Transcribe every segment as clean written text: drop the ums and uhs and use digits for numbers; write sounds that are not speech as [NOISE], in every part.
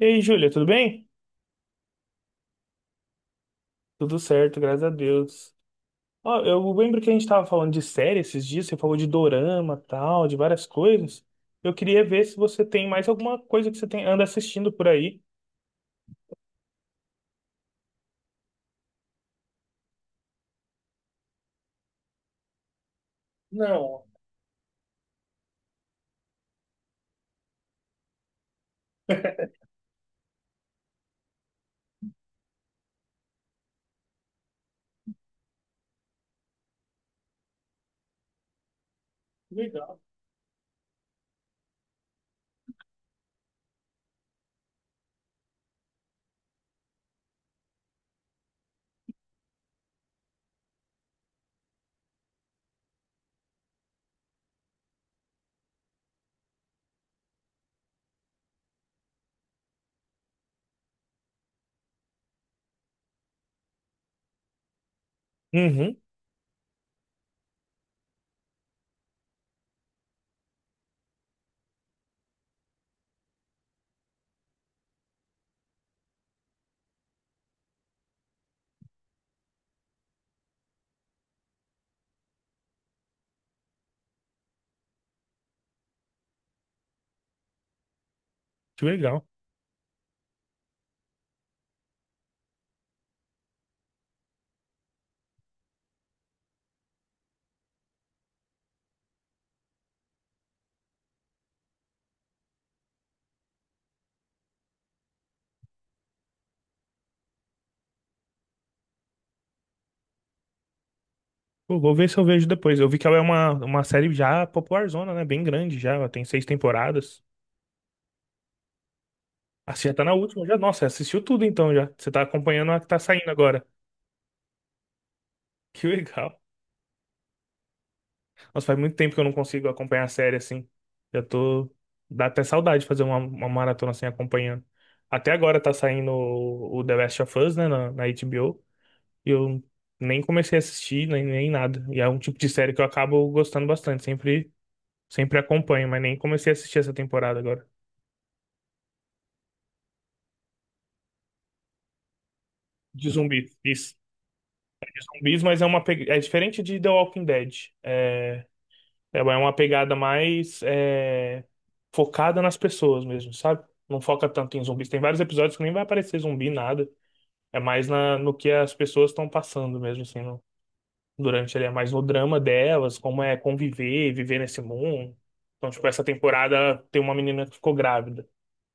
E aí, Júlia, tudo bem? Tudo certo, graças a Deus. Ó, eu lembro que a gente estava falando de série esses dias, você falou de dorama, tal, de várias coisas. Eu queria ver se você tem mais alguma coisa que você tem, anda assistindo por aí. Não, [LAUGHS] legal. Uhum, que legal. Pô, vou ver se eu vejo depois. Eu vi que ela é uma série já popularzona, né? Bem grande já, ela tem seis temporadas. Ah, você já tá na última já. Nossa, assistiu tudo então já. Você tá acompanhando a que tá saindo agora. Que legal. Nossa, faz muito tempo que eu não consigo acompanhar a série assim. Já tô. Dá até saudade de fazer uma maratona assim acompanhando. Até agora tá saindo o The Last of Us, né, na HBO. E eu nem comecei a assistir, nem, nem nada. E é um tipo de série que eu acabo gostando bastante. Sempre, sempre acompanho, mas nem comecei a assistir essa temporada agora. De zumbis. Isso. Zumbis, mas é uma. É diferente de The Walking Dead. É, ela é uma pegada mais focada nas pessoas mesmo, sabe? Não foca tanto em zumbis. Tem vários episódios que nem vai aparecer zumbi, nada. É mais na, no que as pessoas estão passando mesmo, assim, durante ele. É mais no drama delas, como é conviver, viver nesse mundo. Então, tipo, essa temporada tem uma menina que ficou grávida.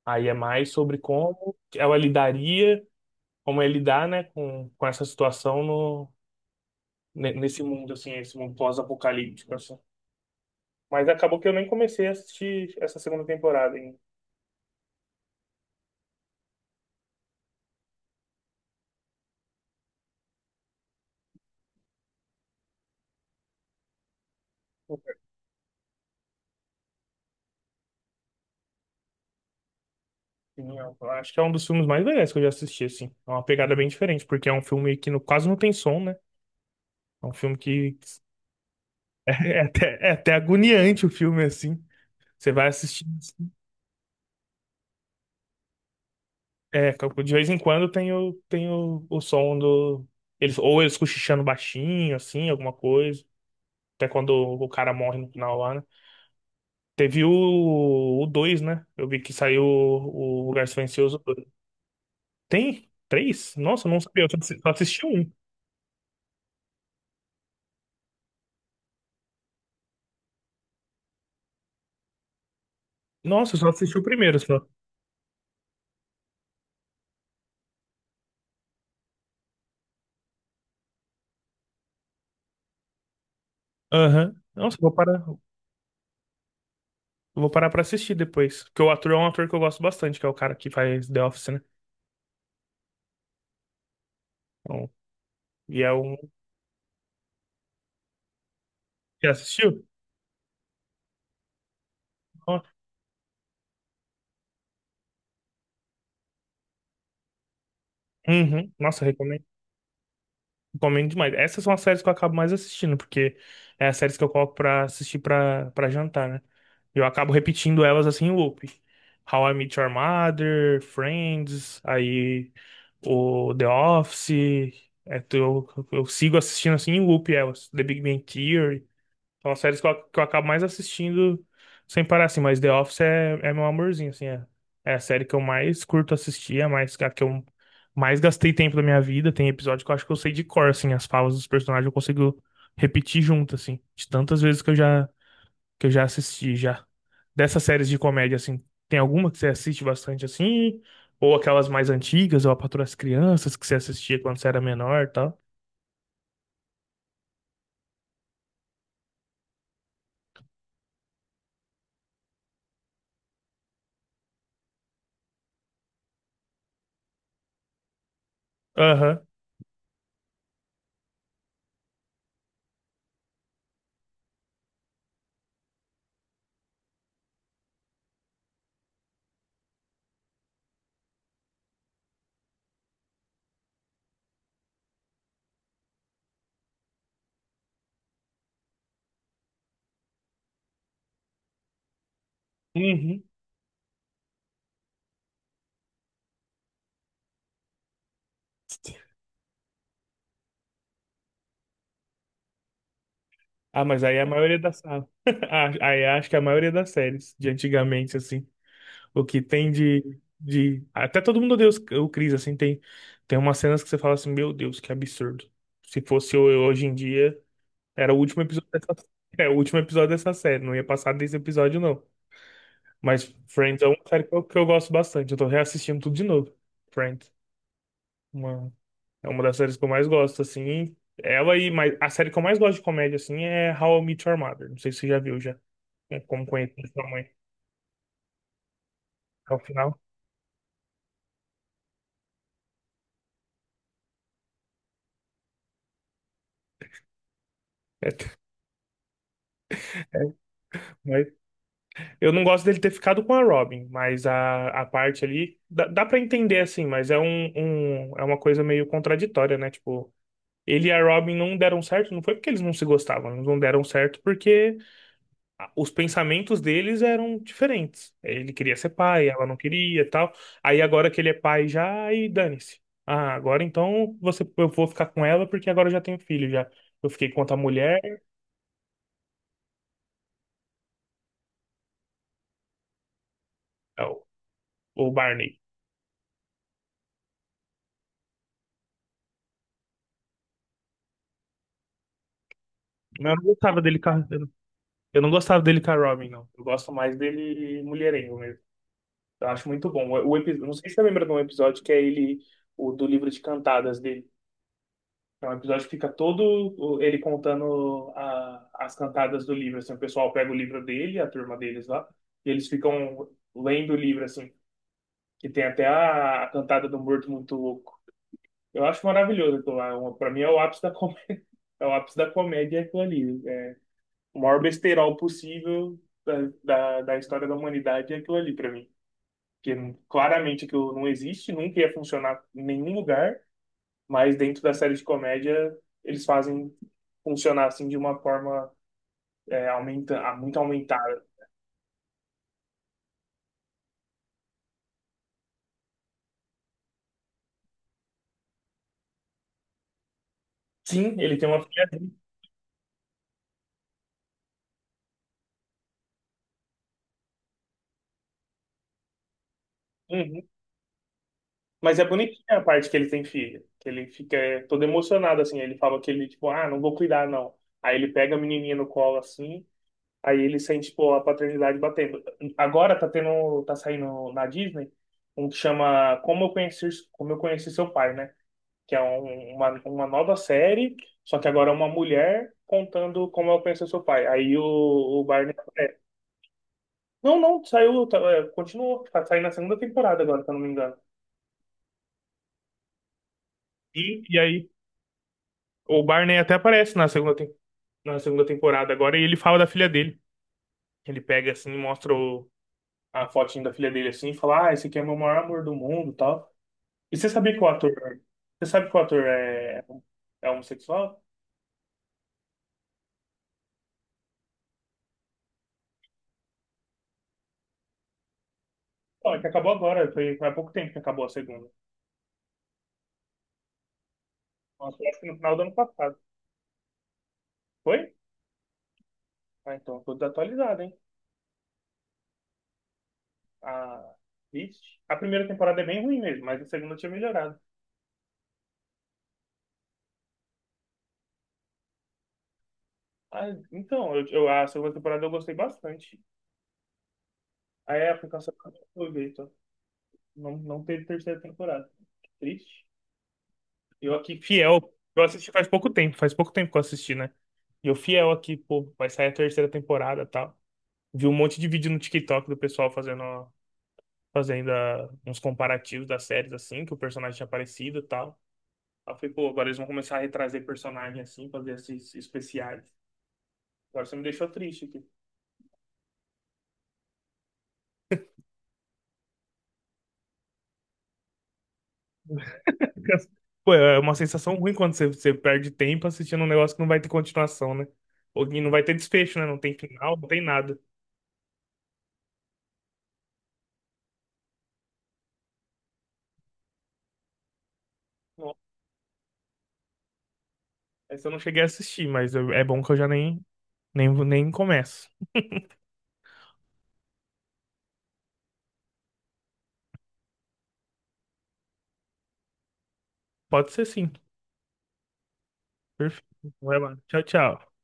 Aí é mais sobre como ela lidaria, como é lidar, né, com essa situação no, nesse mundo, assim, esse mundo pós-apocalíptico, assim. Mas acabou que eu nem comecei a assistir essa segunda temporada ainda. Sim, eu acho que é um dos filmes mais legais que eu já assisti, assim. É uma pegada bem diferente, porque é um filme que quase não tem som, né? É um filme que [LAUGHS] é até agoniante o filme, assim. Você vai assistindo. Assim. É, de vez em quando tem o som do. Eles, ou eles cochichando baixinho, assim, alguma coisa. Até quando o cara morre no final lá, né? Teve o 2, né? Eu vi que saiu o Lugar Silencioso. Tem três? Nossa, eu não sabia. Eu só só assisti um. Nossa, eu só assisti o primeiro só. Aham. Nossa, eu vou parar pra assistir depois. Porque o ator é um ator que eu gosto bastante, que é o cara que faz The Office, né? Então, e é um. Já assistiu? Ó, uhum. Nossa, eu recomendo. Recomendo demais. Essas são as séries que eu acabo mais assistindo, porque é as séries que eu coloco pra assistir pra jantar, né? Eu acabo repetindo elas assim em loop. How I Met Your Mother, Friends, aí o The Office. É, eu sigo assistindo assim em loop elas. The Big Bang Theory. São as séries que eu acabo mais assistindo sem parar assim. Mas The Office é, é meu amorzinho, assim. É, é a série que eu mais curto assistir, é mais, a que eu mais gastei tempo da minha vida. Tem episódio que eu acho que eu sei de cor, assim. As falas dos personagens eu consigo repetir junto, assim. De tantas vezes que eu já assisti já. Dessas séries de comédia, assim, tem alguma que você assiste bastante assim? Ou aquelas mais antigas, ou A Patroa das Crianças, que você assistia quando você era menor e tal? Aham. Uhum. Ah, mas aí é a maioria das. Ah, [LAUGHS] ah, aí acho que é a maioria das séries de antigamente, assim, o que tem de. De... Até todo mundo odeia o Chris, assim, tem, tem umas cenas que você fala assim, meu Deus, que absurdo. Se fosse eu hoje em dia, era o último episódio dessa... [LAUGHS] É, o último episódio dessa série, não ia passar desse episódio, não. Mas Friends é uma série que eu gosto bastante. Eu tô reassistindo tudo de novo. Friends. Uma, é uma das séries que eu mais gosto, assim. Ela e mas a série que eu mais gosto de comédia, assim, é How I Met Your Mother. Não sei se você já viu já. É Como conhecer sua mãe ao final. É, [LAUGHS] é, mas eu não gosto dele ter ficado com a Robin, mas a parte ali dá, dá para entender assim, mas é é uma coisa meio contraditória, né? Tipo, ele e a Robin não deram certo, não foi porque eles não se gostavam, eles não deram certo porque os pensamentos deles eram diferentes. Ele queria ser pai, ela não queria, e tal. Aí agora que ele é pai já, aí dane-se. Ah, agora então você, eu vou ficar com ela porque agora eu já tenho filho já. Eu fiquei com outra mulher, é, o Barney. Mas eu não gostava dele com a, eu não gostava dele com a Robin, não. Eu gosto mais dele mulherengo mesmo. Eu acho muito bom. O, episódio, não sei se você lembra de um episódio que é ele, o do livro de cantadas dele. É um episódio que fica todo ele contando as cantadas do livro, assim, o pessoal pega o livro dele, a turma deles lá, e eles ficam lendo o livro, assim, que tem até a cantada do Morto Muito Louco. Eu acho maravilhoso, aquilo lá, uma- pra mim é o ápice da comédia, [LAUGHS] é o ápice da comédia aquilo ali, é o maior besterol possível da história da humanidade é aquilo ali pra mim, porque claramente aquilo não existe, nunca ia funcionar em nenhum lugar, mas dentro da série de comédia eles fazem funcionar assim de uma forma aumenta, ah, muito aumentada. Sim, ele tem uma filha. Uhum. Mas é bonitinha a parte que ele tem filha, que ele fica todo emocionado assim, ele fala que ele tipo, ah, não vou cuidar não. Aí ele pega a menininha no colo assim, aí ele sente tipo a paternidade batendo. Agora tá tendo, tá saindo na Disney um que chama como eu conheci seu pai, né? que é uma nova série, só que agora é uma mulher contando como ela conheceu seu pai. Aí o Barney. É, não, não, saiu, tá, é, continuou, tá saindo na segunda temporada agora, se eu não me engano. E aí o Barney até aparece na segunda, na segunda temporada agora e ele fala da filha dele. Ele pega assim, mostra a fotinho da filha dele assim e fala: Ah, esse aqui é meu maior amor do mundo e tal. E você sabia que o ator. Você sabe que o ator é, é homossexual? Ó, é que acabou agora, foi, foi há pouco tempo que acabou a segunda. Nossa, acho que no final do ano passado. Foi? Ah, então, tudo atualizado, hein? A... Vixe. A primeira temporada é bem ruim mesmo, mas a segunda tinha melhorado. Ah, então, a segunda temporada eu gostei bastante. Aí a aplicação foi Vitor. Não, não teve terceira temporada. Que triste. Eu aqui, fiel. Eu assisti faz pouco tempo que eu assisti, né? E eu fiel aqui, pô, vai sair a terceira temporada e tal. Vi um monte de vídeo no TikTok do pessoal fazendo, fazendo ah, uns comparativos das séries, assim, que o personagem tinha aparecido e tal. Aí eu falei, pô, agora eles vão começar a retrazer personagem assim, fazer esses especiais. Agora você me deixou triste aqui. [LAUGHS] Pô, é uma sensação ruim quando você, você perde tempo assistindo um negócio que não vai ter continuação, né? Ou que não vai ter desfecho, né? Não tem final, não tem nada. Nossa, essa eu não cheguei a assistir, mas eu- é bom que eu já nem, nem, nem começo. Pode ser sim. Perfeito. Vai lá. Tchau, tchau.